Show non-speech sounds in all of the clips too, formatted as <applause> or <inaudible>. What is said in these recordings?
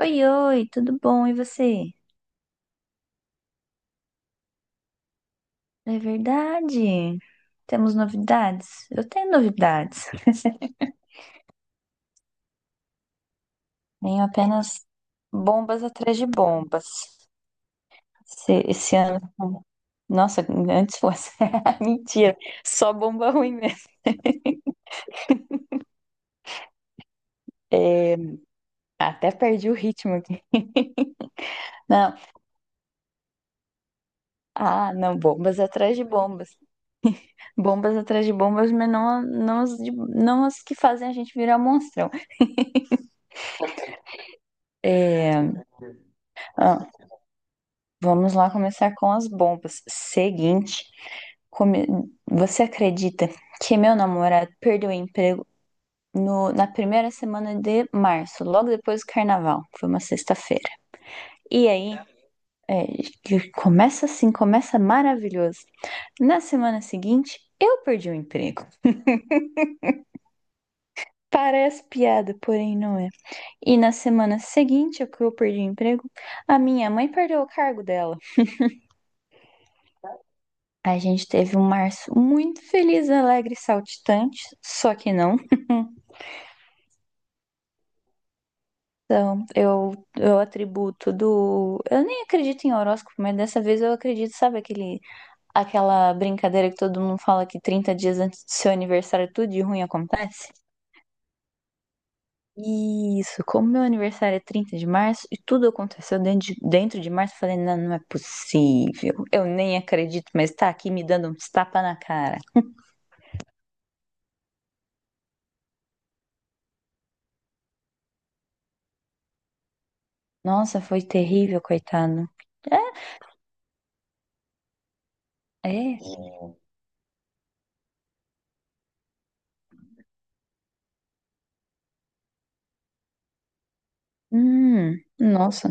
Oi, oi, tudo bom? E você? É verdade. Temos novidades? Eu tenho novidades. <laughs> Tenho apenas bombas atrás de bombas. Esse ano. Nossa, antes fosse. <laughs> Mentira, só bomba ruim mesmo. É, até perdi o ritmo aqui. <laughs> Não, não, bombas atrás de bombas. Bombas atrás de bombas, mas não, não, não as que fazem a gente virar monstrão. É, ah, vamos lá começar com as bombas. Seguinte, come- você acredita que meu namorado perdeu o emprego na primeira semana de março, logo depois do carnaval? Foi uma sexta-feira. E aí, é, que começa assim, começa maravilhoso. Na semana seguinte, eu perdi o emprego. Parece piada, porém não é. E na semana seguinte, ao que eu perdi o emprego, a minha mãe perdeu o cargo dela. A gente teve um março muito feliz, alegre e saltitante, só que não. Então, eu atribuo tudo. Eu nem acredito em horóscopo, mas dessa vez eu acredito, sabe, aquela brincadeira que todo mundo fala que 30 dias antes do seu aniversário tudo de ruim acontece? Isso, como meu aniversário é 30 de março e tudo aconteceu dentro de março, eu falei, não, não é possível. Eu nem acredito, mas tá aqui me dando um tapa na cara. Nossa, foi terrível, coitado. É, é. Nossa.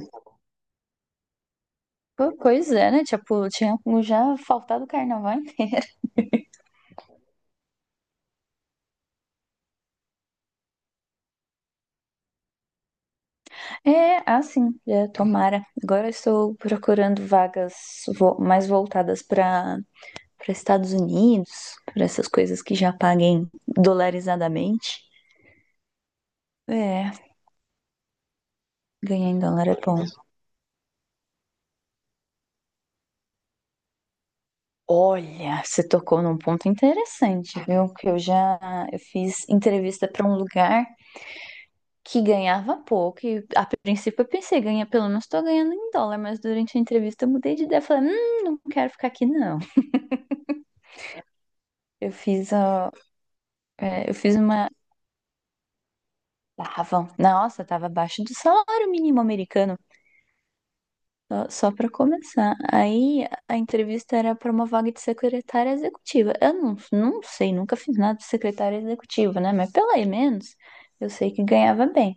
Pois é, né? Tipo, tinha já faltado o carnaval inteiro. <laughs> É, assim, tomara. Agora eu estou procurando vagas mais voltadas para Estados Unidos, para essas coisas que já paguem dolarizadamente. É, ganhar em dólar é bom. Olha, você tocou num ponto interessante, viu? Que eu fiz entrevista para um lugar que ganhava pouco. E a princípio eu pensei, ganha, pelo menos tô ganhando em dólar, mas durante a entrevista eu mudei de ideia. Falei, não quero ficar aqui, não. Ó, eu fiz uma. Tava, nossa, tava abaixo do salário mínimo americano. Só para começar. Aí a entrevista era para uma vaga de secretária executiva. Eu não sei, nunca fiz nada de secretária executiva, né? Mas pelo menos eu sei que ganhava bem.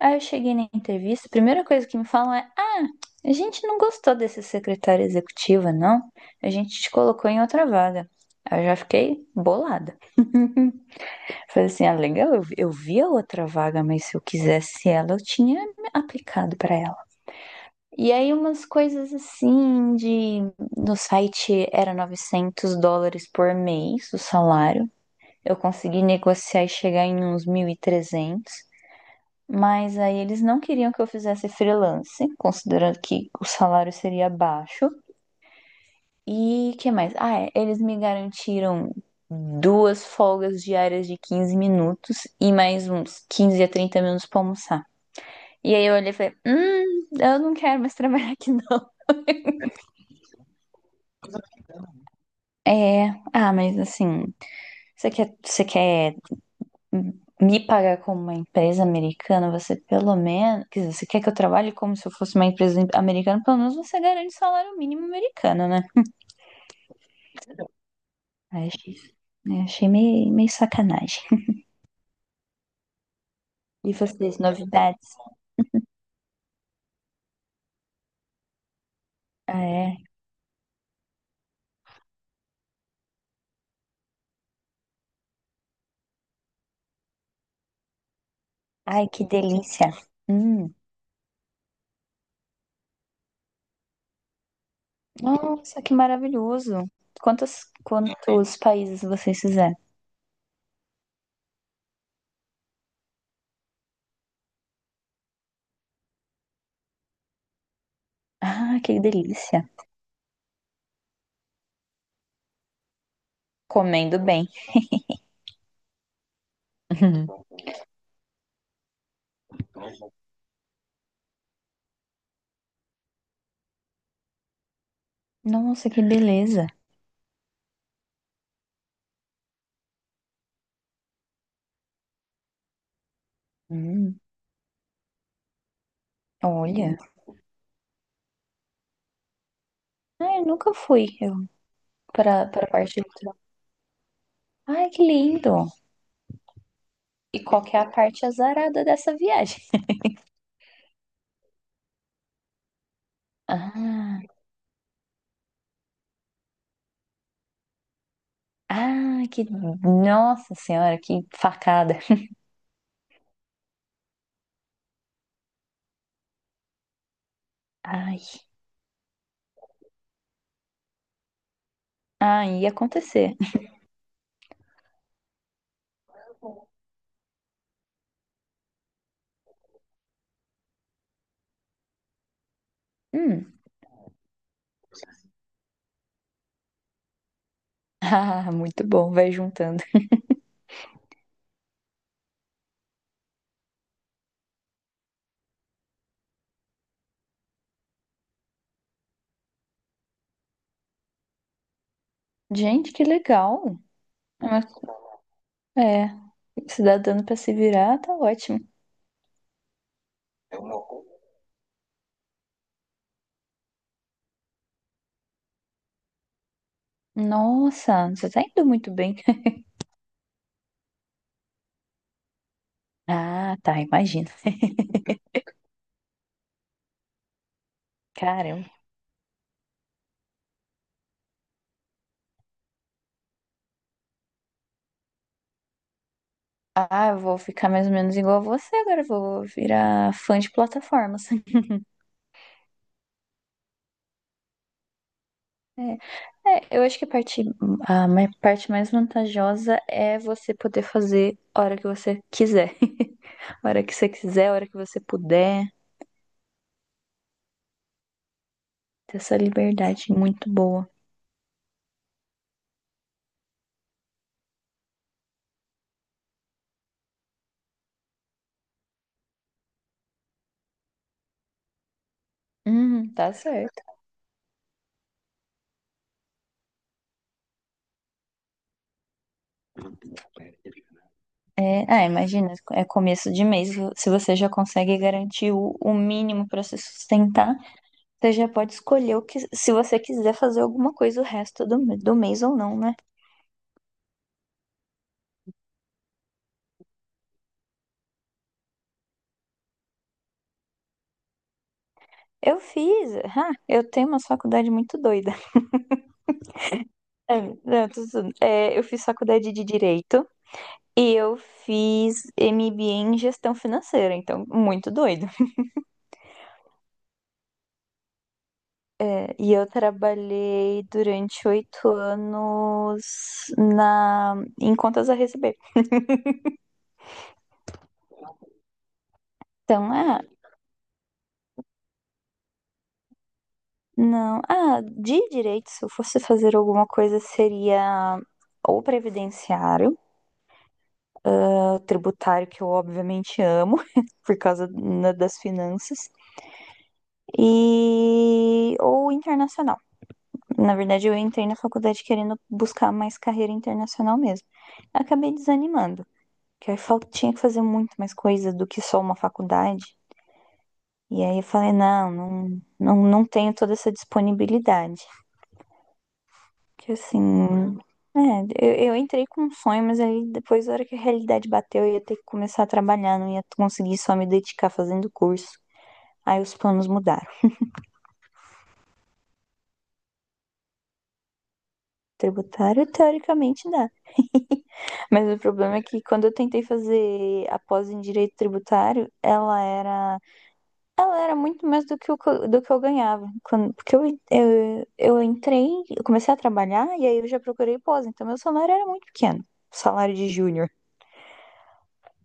Aí eu cheguei na entrevista, a primeira coisa que me falam é: Ah, a gente não gostou desse secretário executiva, não? A gente te colocou em outra vaga. Aí eu já fiquei bolada. <laughs> Falei assim: Ah, legal, eu vi a outra vaga, mas se eu quisesse ela, eu tinha me aplicado pra ela. E aí umas coisas assim de no site era US$ 900 por mês o salário. Eu consegui negociar e chegar em uns 1.300. Mas aí eles não queriam que eu fizesse freelance, considerando que o salário seria baixo. E que mais? Ah, é, eles me garantiram duas folgas diárias de 15 minutos e mais uns 15 a 30 minutos pra almoçar. E aí eu olhei e falei, eu não quero mais <laughs> trabalhar aqui não. É, mas assim, você quer me pagar como uma empresa americana, você pelo menos, quer dizer, você quer que eu trabalhe como se eu fosse uma empresa americana, pelo menos você garante salário mínimo americano, né? Aí Achei meio sacanagem. E vocês, novidades? Ah, é. Ai, que delícia. Hum. Nossa, que maravilhoso. Quantos países vocês fizeram? Ah, que delícia. Comendo bem. <laughs> Nossa, que beleza. Hum. Olha. Ah, eu nunca fui. Eu para a parte litoral. Ai, que lindo! E qual que é a parte azarada dessa viagem? <laughs> Ah, ah, que nossa senhora, que facada. Ai, ai, ia acontecer. Hum. <laughs> Ah, muito bom, vai juntando. Gente, que legal. Mas, é, se dá dando para se virar, tá ótimo. Nossa, você tá indo muito bem. Ah, tá, imagina. <laughs> Caramba. Ah, eu vou ficar mais ou menos igual a você agora. Eu vou virar fã de plataformas. <laughs> É. É, eu acho que a parte, a ma- parte mais vantajosa é você poder fazer a hora que você quiser. <laughs> A hora que você quiser, a hora que você puder. Ter essa liberdade muito boa. Tá certo. É, imagina, é começo de mês. Se você já consegue garantir o mínimo para se sustentar, você já pode escolher o que, se você quiser fazer alguma coisa o resto do mês ou não, né? Eu fiz, ah, eu tenho uma faculdade muito doida. É, não, tudo, tudo. É, eu fiz faculdade de Direito e eu fiz MBA em Gestão Financeira, então muito doido. É, e eu trabalhei durante 8 anos em contas a receber. Então, ah, não, ah, de Direito, se eu fosse fazer alguma coisa, seria ou previdenciário, ou tributário, que eu obviamente amo, <laughs> por causa né, das finanças, e ou internacional. Na verdade, eu entrei na faculdade querendo buscar mais carreira internacional mesmo. Acabei desanimando, que eu tinha que fazer muito mais coisa do que só uma faculdade. E aí eu falei, não, não, não, não tenho toda essa disponibilidade. Que assim, é, eu entrei com um sonho, mas aí depois, na hora que a realidade bateu, eu ia ter que começar a trabalhar, não ia conseguir só me dedicar fazendo curso. Aí os planos mudaram. Tributário, teoricamente dá. <laughs> Mas o problema é que quando eu tentei fazer a pós em direito tributário, ela era muito mais do que eu ganhava. Quando, porque eu entrei, eu comecei a trabalhar e aí eu já procurei pós, então meu salário era muito pequeno, salário de júnior.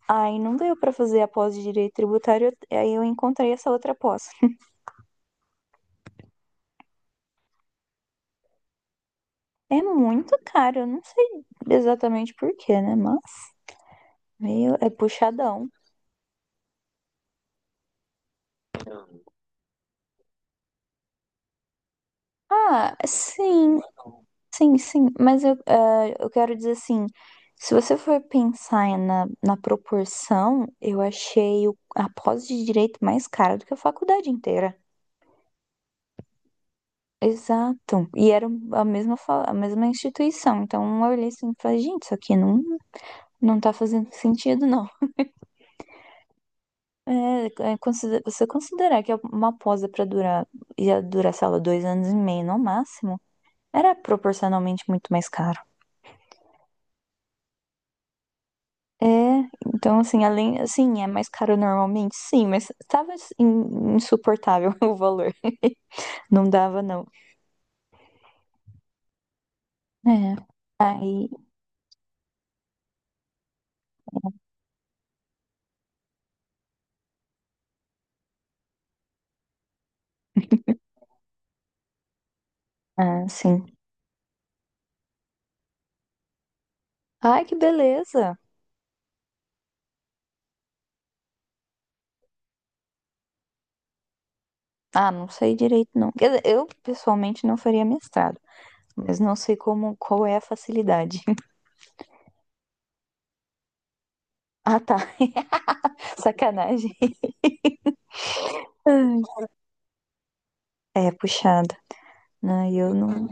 Aí não deu pra fazer a pós de direito tributário, aí eu encontrei essa outra pós. É muito caro, eu não sei exatamente por quê, né? Mas meio é puxadão. Ah, sim, sim, sim, mas eu quero dizer assim, se você for pensar na proporção, eu achei a pós de direito mais cara do que a faculdade inteira. Exato. E era a mesma instituição. Então eu olhei assim e falei, gente, isso aqui não, não tá fazendo sentido, não. É, é, você considerar que uma pós é pra durar, ia durar, sei lá, 2 anos e meio no máximo, era proporcionalmente muito mais caro. É, então assim, além, assim, é mais caro normalmente, sim, mas tava assim, insuportável <laughs> o valor. Não dava, não. É. Aí, ah, sim. Ai, que beleza. Ah, não sei direito, não. Quer dizer, eu pessoalmente não faria mestrado, mas não sei como, qual é a facilidade. <laughs> Ah, tá. <laughs> Sacanagem. Ai, é puxado. Ah, eu não.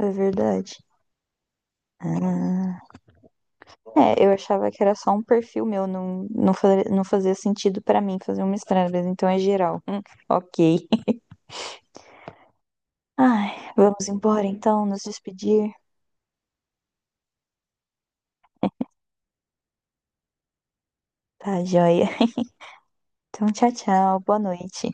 É verdade. Ah. É, eu achava que era só um perfil meu, não, não, não fazia sentido pra mim fazer um mestrado, mas então é geral. Ok. <laughs> Ai, vamos embora então, nos despedir. Tá, joia. Então, tchau, tchau, boa noite.